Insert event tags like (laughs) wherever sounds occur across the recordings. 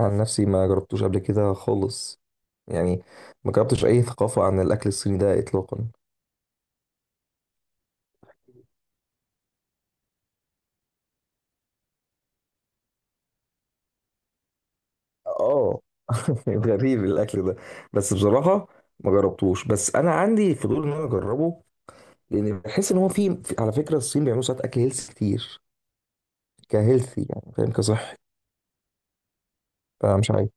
عن نفسي ما جربتوش قبل كده خالص. يعني ما جربتش اي ثقافة عن الاكل الصيني ده اطلاقا. اه، (laughs) غريب الاكل ده. بس بصراحة ما جربتوش، بس انا عندي فضول ان انا اجربه، لان بحس ان هو على فكرة الصين بيعملوا ساعات اكل هيلث كتير، كهيلثي يعني فاهم، كصحي. فمش عارف.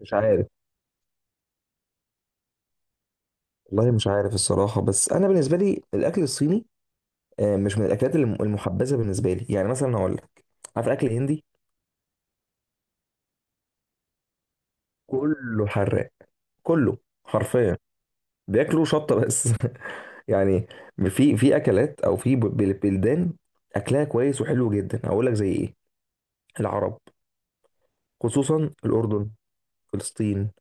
مش عارف. والله مش عارف الصراحة. بس انا بالنسبة لي الاكل الصيني مش من الاكلات المحبذة بالنسبة لي. يعني مثلا هقول لك، عارف اكل هندي؟ كله حراق، كله حرفيا، بياكلوا شطة بس. (laughs) يعني في في أكلات أو في بلدان أكلها كويس وحلو جدا. هقول لك زي إيه؟ العرب، خصوصا الأردن، فلسطين،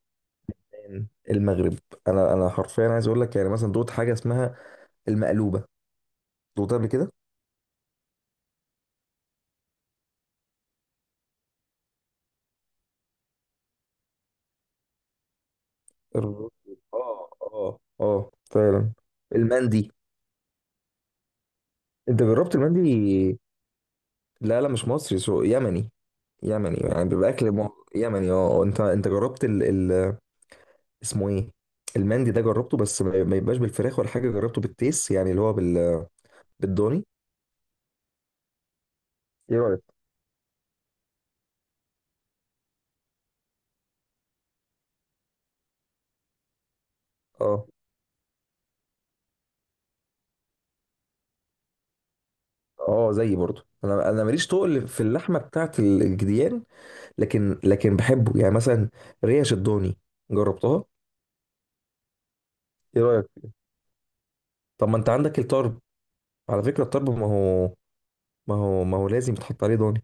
المغرب. أنا حرفيا عايز أقول لك، يعني مثلا دوت حاجة اسمها المقلوبة؟ دوت قبل كده؟ الرز- اه اه اه، فعلا المندي. أنت جربت المندي؟ لا لا، مش مصري، سو يمني. يمني، يعني بيبقى أكل يمني. اه أنت أنت جربت ال...؟ اسمه ايه؟ المندي ده جربته، بس ما يبقاش بالفراخ ولا حاجه، جربته بالتيس، يعني اللي هو بال... بالضاني. ايه رايك؟ اه اه، زيي برضو. انا ماليش تقل في اللحمه بتاعت الجديان. لكن بحبه، يعني مثلا ريش الضاني جربتها. ايه رايك؟ طب ما انت عندك الطرب. على فكره الطرب، ما هو ما هو لازم يتحط عليه ضاني.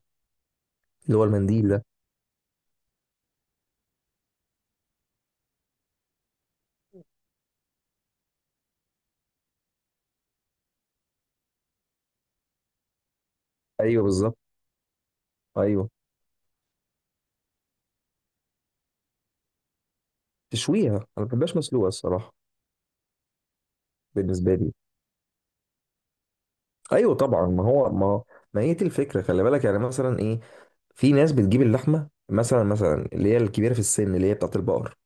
اللي هو المنديل ده. ايوه بالظبط. ايوه تشويها، انا ما بحبهاش مسلوقه الصراحه بالنسبه لي. ايوه طبعا، ما هو ما ما هي دي الفكره. خلي بالك، يعني مثلا ايه؟ في ناس بتجيب اللحمه مثلا اللي هي الكبيره في السن، اللي هي بتاعت البقر،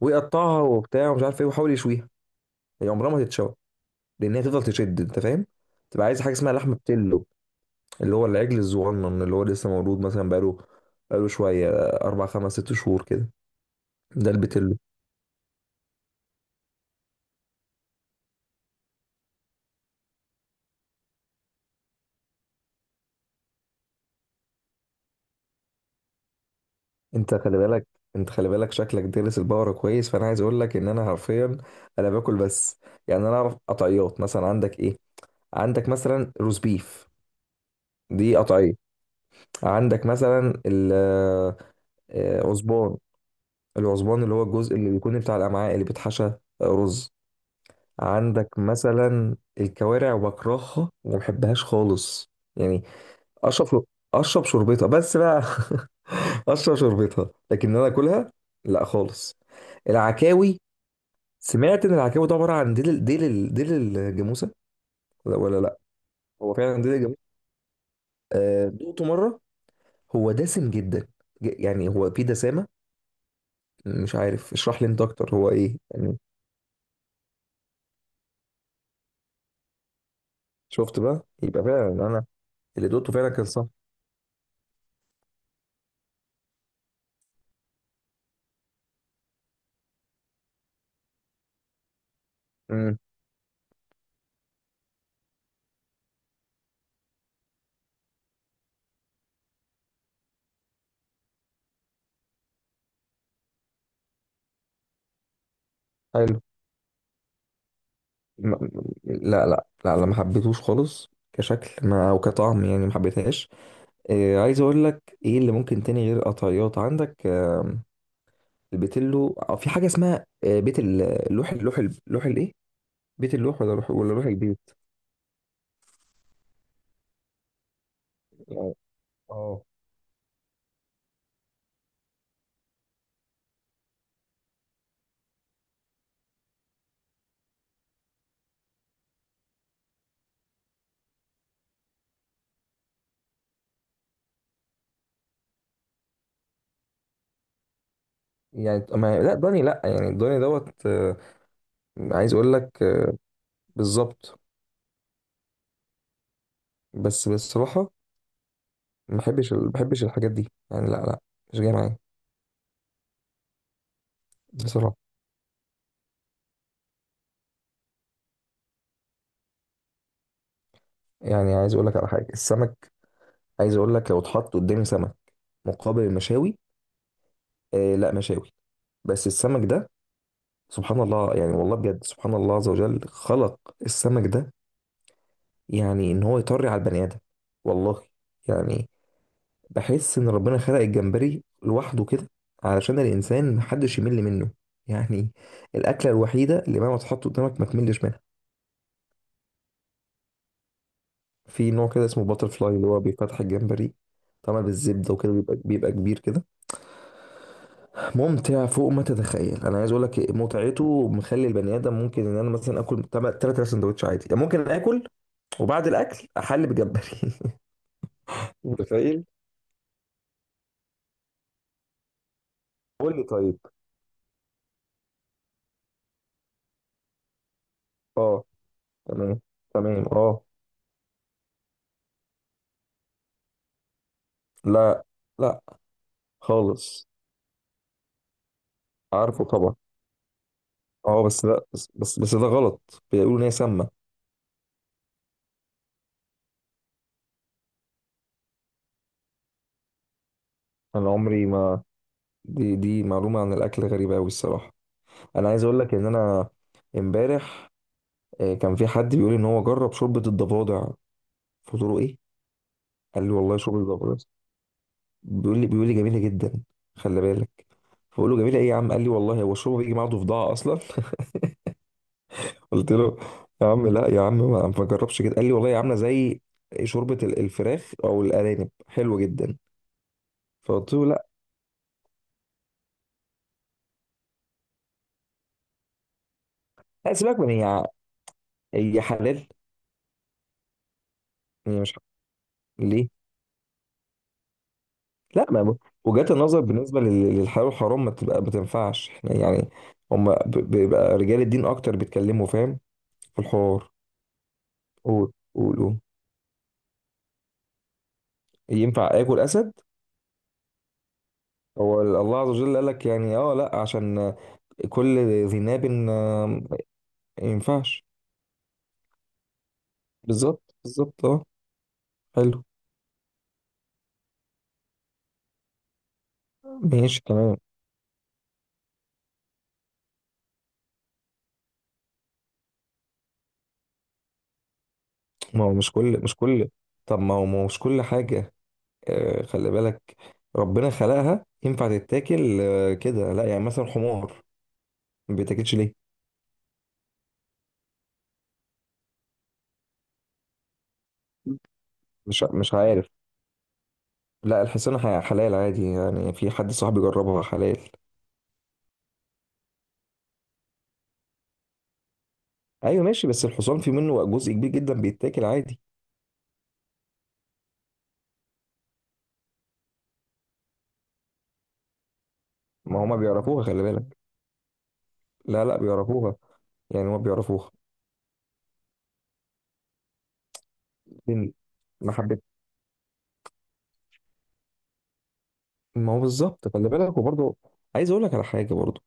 ويقطعها وبتاع ومش عارف ايه، ويحاول يشويها. هي عمرها ما تتشوى، لان هي تفضل تشد، انت فاهم؟ تبقى عايز حاجه اسمها لحمه بتلو، اللي هو العجل الصغنن اللي هو لسه مولود، مثلا بقاله شويه، 4 5 6 شهور كده، ده البتلو. انت خلي بالك، انت خلي بالك شكلك دارس البقره كويس. فانا عايز اقول لك ان انا حرفيا انا باكل بس، يعني انا اعرف قطعيات، مثلا عندك ايه؟ عندك مثلا روز بيف، دي قطعيه. عندك مثلا العصبان، العصبان اللي هو الجزء اللي بيكون بتاع الامعاء اللي بيتحشى رز. عندك مثلا الكوارع، بكرهها وما بحبهاش خالص يعني. اشرب، اشرب شوربتها بس بقى. (laughs) اشرب شوربتها، لكن إن انا اكلها لا خالص. العكاوي، سمعت ان العكاوي ده عباره عن ديل الجاموسه. لا ولا لا، هو فعلا ديل الجاموسه. دوقته مره، هو دسم جدا، يعني هو فيه دسامه. مش عارف، اشرح لي انت اكتر هو ايه يعني. شفت بقى، يبقى فعلا انا اللي دوقته فعلا كان صح. امم، حلو. م- م- لا لا لا لا، ما حبيتهوش خالص كشكل ما او كطعم، يعني ما حبيتهاش. إيه عايز اقول لك، ايه اللي ممكن تاني غير قطعيات عندك؟ البيتلو، أو في حاجه اسمها بيت اللوح، اللوح. اللوح الايه؟ بيت اللوح ولا لوح ولا لوح البيت؟ يعني اه. يعني ما لا داني، لا يعني داني دوت عايز اقول لك بالظبط. بس بصراحة ما بحبش ما بحبش الحاجات دي، يعني لا لا، مش جاي معايا. بصراحه يعني عايز اقول لك على حاجه، السمك. عايز اقول لك، لو اتحط قدامي سمك مقابل المشاوي، آه لا، مشاوي. بس السمك ده، سبحان الله، يعني والله بجد، سبحان الله عز وجل خلق السمك ده يعني ان هو يطري على البني ادم. والله. يعني بحس ان ربنا خلق الجمبري لوحده كده علشان الانسان محدش يمل منه، يعني الاكله الوحيده اللي مهما تحط قدامك ما تملش منها. في نوع كده اسمه باتر فلاي، اللي هو بيفتح الجمبري، طبعا بالزبده وكده، بيبقى كبير كده، ممتع فوق ما تتخيل. انا عايز اقول لك متعته مخلي البني ادم، ممكن ان انا مثلا اكل 3 سندوتش عادي، يعني ممكن اكل وبعد الاكل احل بجمبري. (laughs) متخيل؟ قول لي طيب. اه تمام. تمام اه. لا، لا خالص. عارفه طبعا. اه بس لا، بس ده غلط، بيقولوا ان هي سامه. انا عمري ما، دي دي معلومه عن الاكل غريبه قوي الصراحه. انا عايز اقول لك ان انا امبارح كان في حد بيقول ان هو جرب شوربه الضفادع. قلت له ايه؟ قال لي والله شوربه الضفادع. بيقول لي جميله جدا. خلي بالك. فبقول له جميله ايه يا عم؟ قال لي والله هو الشوربه بيجي معاها ضفدعه اصلا. (laughs) قلت له يا عم لا يا عم، ما جربش كده. قال لي والله عامله زي شوربه الفراخ او الارانب حلوه جدا. فقلت له لا، سيبك من هي، هي حلال، هي مش حلال. ليه؟ لا ما، وجهات النظر بالنسبه للحلال والحرام ما تبقى، ما تنفعش احنا يعني. هم بيبقى رجال الدين اكتر بيتكلموا، فاهم، في الحوار. قول قول قول. ينفع اكل اسد؟ هو الله عز وجل قال لك يعني، اه لا، عشان كل ذي ناب ما ينفعش. بالظبط بالظبط اه. حلو. ماشي تمام. ما هو مش كل. طب ما هو مش كل حاجه خلي بالك ربنا خلقها ينفع تتاكل كده، لا. يعني مثلا حمار ما بيتاكلش ليه؟ مش عارف. لا الحصان حلال عادي، يعني في حد صاحبي جربها، حلال. ايوه ماشي، بس الحصان في منه جزء كبير جدا بيتاكل عادي. ما هما بيعرفوها، خلي بالك. لا لا بيعرفوها، يعني هما بيعرفوها. لكن ما حبيت، ما هو بالظبط خلي بالك. وبرضه عايز اقول لك على حاجه برضه،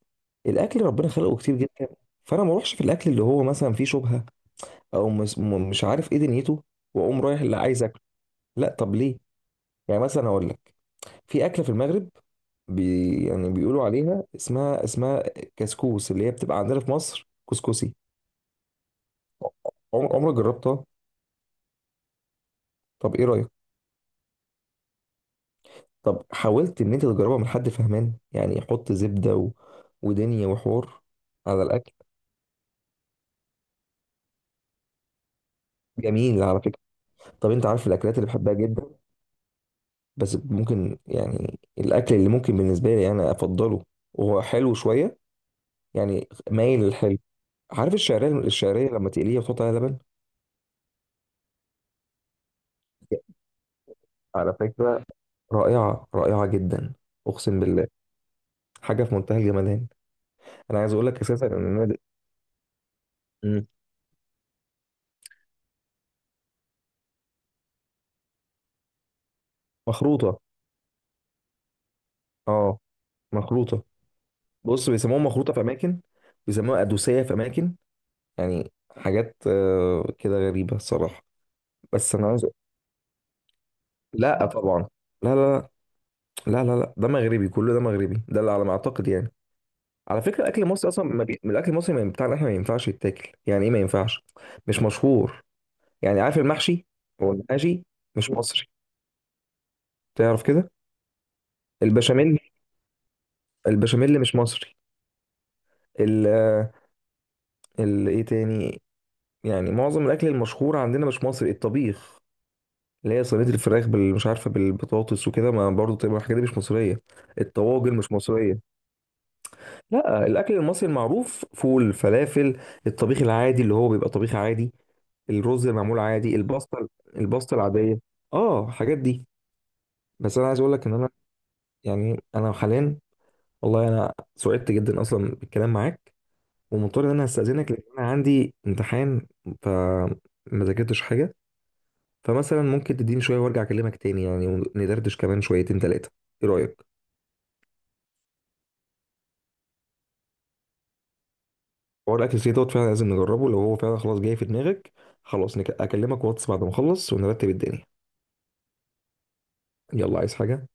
الاكل ربنا خلقه كتير جدا، فانا ما اروحش في الاكل اللي هو مثلا فيه شبهه، او مش عارف ايه دنيته، واقوم رايح اللي عايز اكله. لا طب ليه؟ يعني مثلا اقول لك، في اكله في المغرب بي، يعني بيقولوا عليها اسمها اسمها كسكوس، اللي هي بتبقى عندنا في مصر كسكسي. عمرك جربتها؟ طب ايه رأيك؟ طب حاولت ان انت تجربها من حد فهمان يعني، يحط زبدة و... ودنيا وحور على الاكل. جميل على فكرة. طب انت عارف الاكلات اللي بحبها جدا؟ بس ممكن يعني الاكل اللي ممكن بالنسبة لي انا افضله، وهو حلو شوية يعني مايل للحلو. عارف الشعرية؟ الشعرية لما تقليها وتحط عليها لبن، على فكرة، رائعة رائعة جدا. أقسم بالله، حاجه في منتهى الجمدان. انا عايز اقول لك اساسا ان انا مم. مخروطه. اه، مخروطه. بص، بيسموها مخروطه في اماكن، بيسموها ادوسيه في اماكن، يعني حاجات كده غريبه الصراحه. بس انا عايز أقول- لا طبعا. لا لا. لا لا لا ده مغربي، كله ده مغربي ده اللي على ما اعتقد يعني. على فكره الاكل المصري اصلا ما بي... الاكل المصري بتاعنا احنا ما ينفعش يتاكل، يعني ايه ما ينفعش؟ مش مشهور. يعني عارف المحشي؟ هو المحاشي مش مصري، تعرف كده. البشاميل، البشاميل مش مصري. ال- ايه تاني؟ يعني معظم الاكل المشهور عندنا مش مصري. الطبيخ اللي هي صينيه الفراخ بال مش عارفه بالبطاطس وكده، ما برضه تبقى الحاجات دي مش مصريه. الطواجن مش مصريه. لا، الاكل المصري المعروف فول، فلافل، الطبيخ العادي اللي هو بيبقى طبيخ عادي، الرز المعمول عادي، الباستا، الباستا العاديه اه. الحاجات دي، بس انا عايز اقول لك ان انا، يعني انا حاليا، والله انا سعدت جدا اصلا بالكلام معاك، ومضطر ان انا استاذنك لان انا عندي امتحان، فما ذاكرتش حاجه. فمثلا ممكن تديني شويه وارجع اكلمك تاني يعني، وندردش كمان شويتين تلاتة. ايه رايك؟ حوار الاكل السريع دوت فعلا لازم نجربه لو هو فعلا خلاص جاي في دماغك. خلاص اكلمك واتس بعد ما اخلص ونرتب الدنيا. يلا، عايز حاجه؟